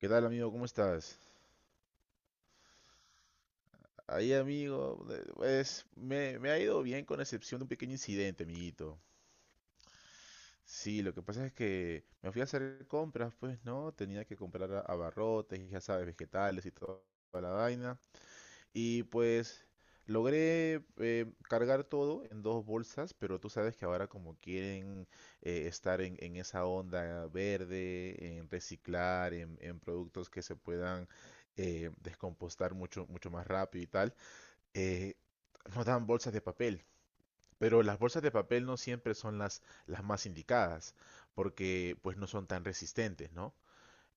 ¿Qué tal, amigo? ¿Cómo estás? Ahí, amigo, pues me ha ido bien con excepción de un pequeño incidente, amiguito. Sí, lo que pasa es que me fui a hacer compras, pues, ¿no? Tenía que comprar abarrotes, y ya sabes, vegetales y toda la vaina. Y pues logré cargar todo en dos bolsas, pero tú sabes que ahora como quieren estar en esa onda verde, en reciclar, en productos que se puedan descompostar mucho, mucho más rápido y tal. eh, Nos dan bolsas de papel, pero las bolsas de papel no siempre son las más indicadas, porque pues no son tan resistentes, ¿no?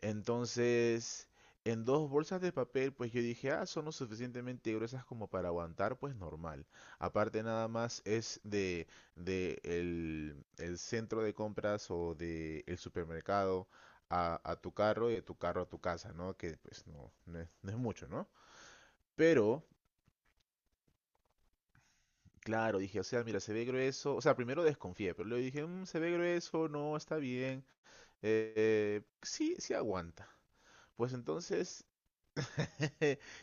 Entonces, en dos bolsas de papel, pues yo dije, ah, son lo suficientemente gruesas como para aguantar, pues normal. Aparte nada más es de el centro de compras o de el supermercado a tu carro y de tu carro a tu casa, ¿no? Que pues no, no es, no es mucho, ¿no? Pero claro, dije, o sea, mira, se ve grueso. O sea, primero desconfié, pero luego dije, "Mm, se ve grueso, no, está bien. Sí aguanta. Pues entonces,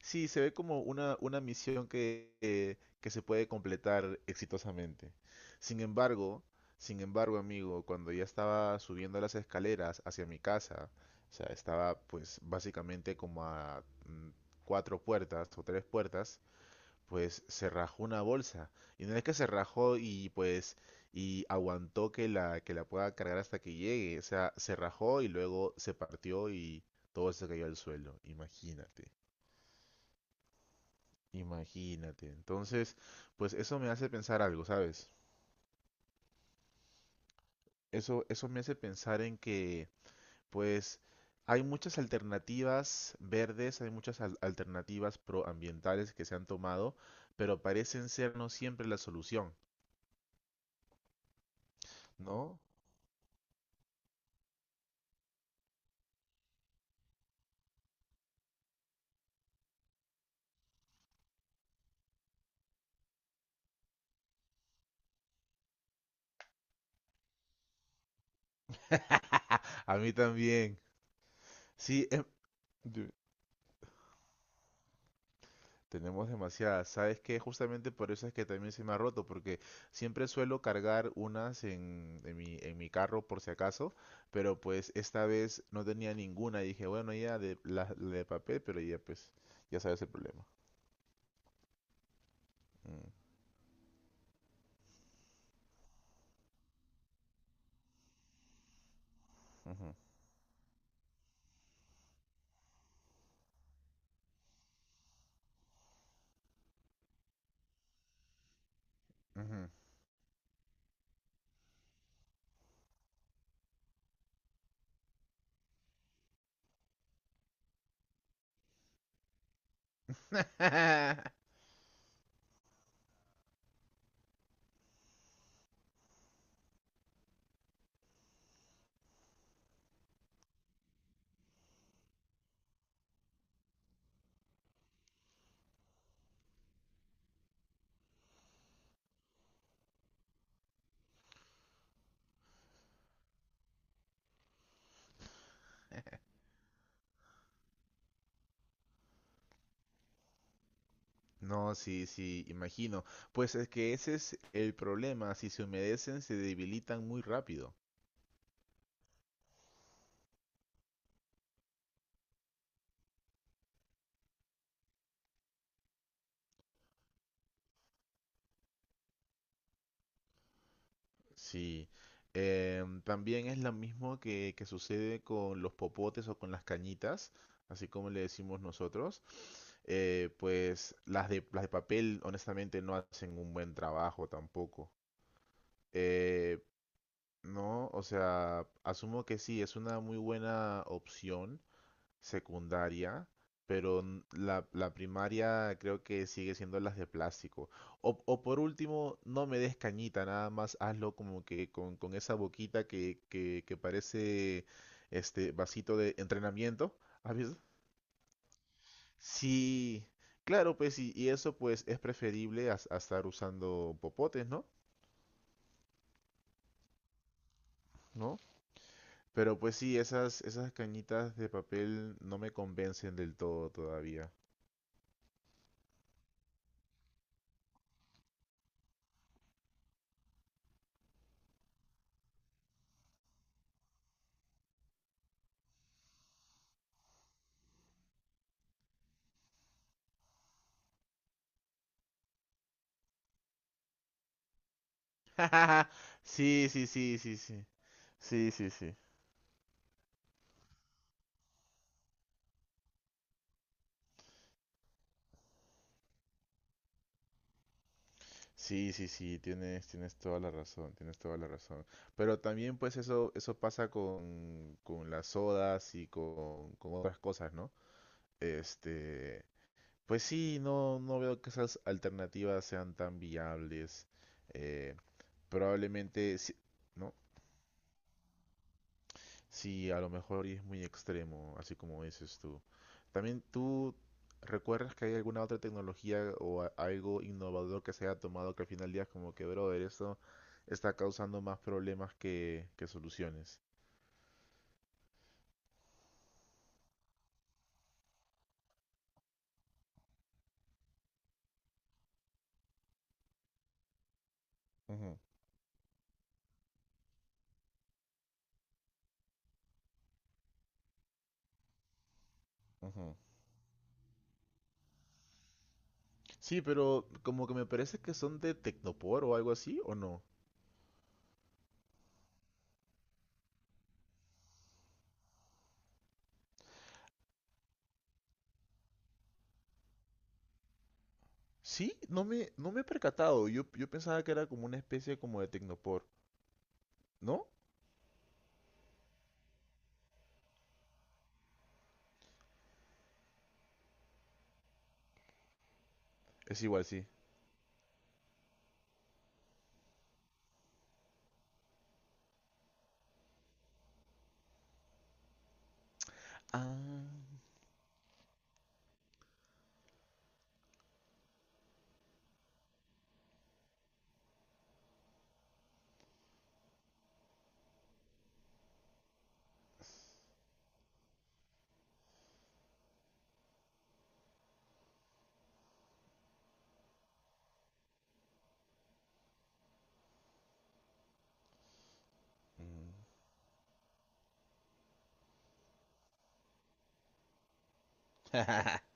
sí, se ve como una misión que se puede completar exitosamente. Sin embargo, amigo, cuando ya estaba subiendo las escaleras hacia mi casa, o sea, estaba pues básicamente como a cuatro puertas o tres puertas, pues se rajó una bolsa. Y no es que se rajó y pues y aguantó que la pueda cargar hasta que llegue, o sea, se rajó y luego se partió y todo se cayó al suelo. Imagínate, imagínate. Entonces, pues eso me hace pensar algo, ¿sabes? Eso me hace pensar en que pues hay muchas alternativas verdes, hay muchas alternativas proambientales que se han tomado, pero parecen ser no siempre la solución, ¿no? A mí también. Sí, de- tenemos demasiadas. ¿Sabes qué? Justamente por eso es que también se me ha roto, porque siempre suelo cargar unas en en mi carro por si acaso, pero pues esta vez no tenía ninguna. Y dije, bueno, ya la de papel, pero ya pues, ya sabes el problema. Mm, ujú, ujú. No, sí, sí, imagino. Pues es que ese es el problema. Si se humedecen, se debilitan muy rápido. Sí, también es lo mismo que sucede con los popotes o con las cañitas, así como le decimos nosotros. Pues las de papel, honestamente, no hacen un buen trabajo tampoco. Eh, no, o sea, asumo que sí, es una muy buena opción secundaria, pero la primaria creo que sigue siendo las de plástico. O por último, no me des cañita, nada más hazlo como que con esa boquita que parece este vasito de entrenamiento. ¿Has visto? Sí, claro, pues y eso pues es preferible a estar usando popotes, ¿no? ¿No? Pero pues sí, esas cañitas de papel no me convencen del todo todavía. Sí, sí, sí, sí, sí. Sí, sí, sí. Sí, sí, sí, tienes, tienes toda la razón, tienes toda la razón. Pero también pues eso pasa con las sodas y con otras cosas, ¿no? Este, pues sí, no, no veo que esas alternativas sean tan viables. Eh, Probablemente, sí, ¿no? Sí, a lo mejor y es muy extremo, así como dices tú. También tú recuerdas que hay alguna otra tecnología o algo innovador que se haya tomado que al final del día es como que, brother, esto está causando más problemas que soluciones. Ujú, ujú. Sí, pero como que me parece que son de Tecnopor o algo así, ¿o no? Sí, no me, no me he percatado. Yo pensaba que era como una especie como de Tecnopor, ¿no? Es igual, sí. Ah. Mm.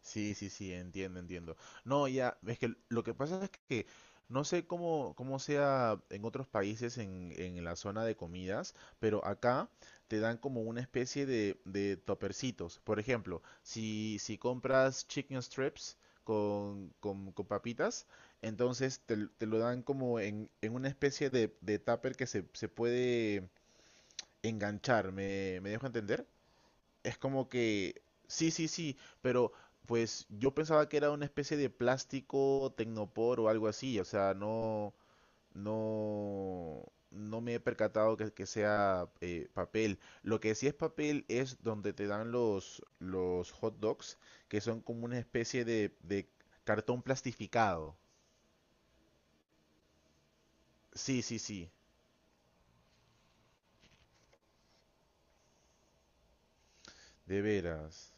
Sí, sí, sí, entiendo, entiendo. No, ya, es que lo que pasa es que no sé cómo, cómo sea en otros países en la zona de comidas, pero acá te dan como una especie de topercitos. Por ejemplo, si, si compras chicken strips con papitas, entonces te lo dan como en una especie de tupper que se puede enganchar. ¿Me, me dejo entender? Es como que, sí, sí, sí, pero pues yo pensaba que era una especie de plástico tecnopor o algo así, o sea, no, no, no me he percatado que sea papel. Lo que sí es papel es donde te dan los hot dogs, que son como una especie de cartón plastificado. Sí, sí, sí, de veras.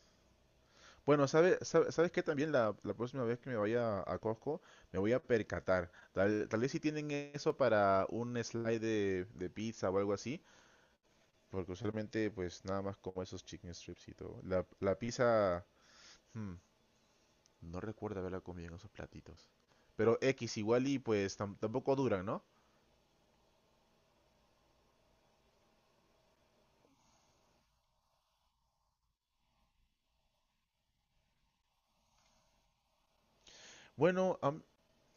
Bueno, ¿sabes que también la próxima vez que me vaya a Costco me voy a percatar? Tal, tal vez si tienen eso para un slide de pizza o algo así, porque usualmente pues nada más como esos chicken strips y todo. La pizza, hmm, no recuerdo haberla comido en esos platitos. Pero X igual y pues tampoco duran, ¿no? Bueno, am-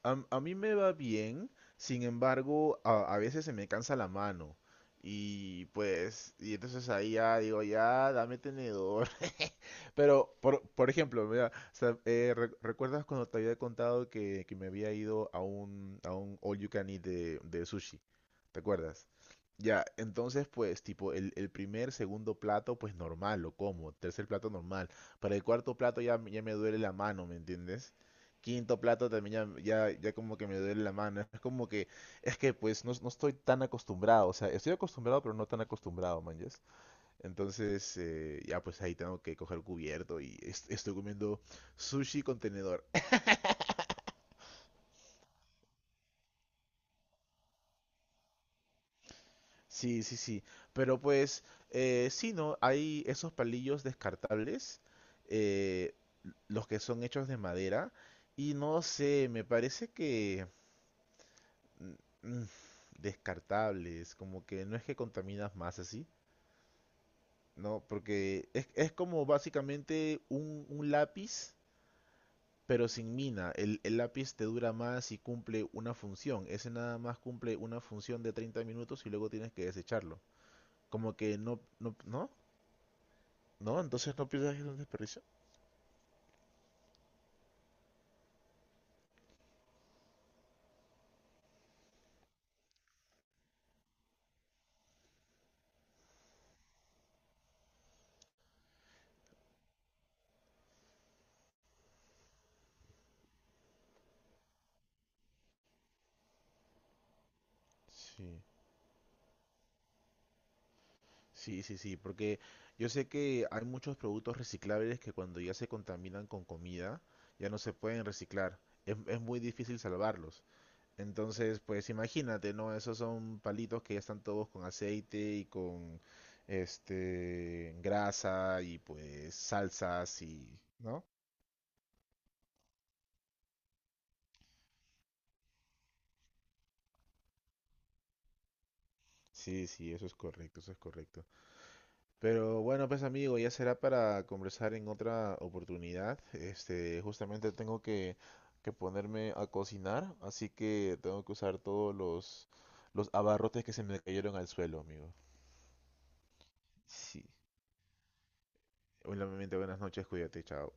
am- a mí me va bien, sin embargo, a veces se me cansa la mano. Y pues, y entonces ahí ya digo, ya, dame tenedor. Pero, por ejemplo, mira, o sea, ¿recuerdas cuando te había contado que me había ido a un all you can eat de sushi? ¿Te acuerdas? Ya, entonces pues tipo el primer, segundo plato pues normal, lo como, tercer plato normal, para el cuarto plato ya, ya me duele la mano, ¿me entiendes? Quinto plato también ya, ya, ya como que me duele la mano, es como que, es que pues no, no estoy tan acostumbrado, o sea, estoy acostumbrado pero no tan acostumbrado, man, ¿yes? Entonces, ya pues ahí tengo que coger cubierto y estoy comiendo sushi con tenedor. Sí, sí, sí. Pero pues, sí, ¿no? Hay esos palillos descartables, eh, los que son hechos de madera. Y no sé, me parece que... mm, mm, descartables, como que no es que contaminas más así, ¿no? Porque es como básicamente un lápiz. Pero sin mina, el lápiz te dura más y cumple una función. Ese nada más cumple una función de 30 minutos y luego tienes que desecharlo. Como que no, no, no, no, entonces no piensas que es un desperdicio. Sí, sí, sí, sí, porque yo sé que hay muchos productos reciclables que cuando ya se contaminan con comida, ya no se pueden reciclar. Es muy difícil salvarlos. Entonces, pues imagínate, ¿no? Esos son palitos que ya están todos con aceite y con este grasa y pues salsas y, ¿no? Sí, sí, eso es correcto, eso es correcto. Pero bueno, pues amigo, ya será para conversar en otra oportunidad. Este, justamente tengo que ponerme a cocinar, así que tengo que usar todos los abarrotes que se me cayeron al suelo, amigo. Sí. Obviamente, buenas noches, cuídate, chao.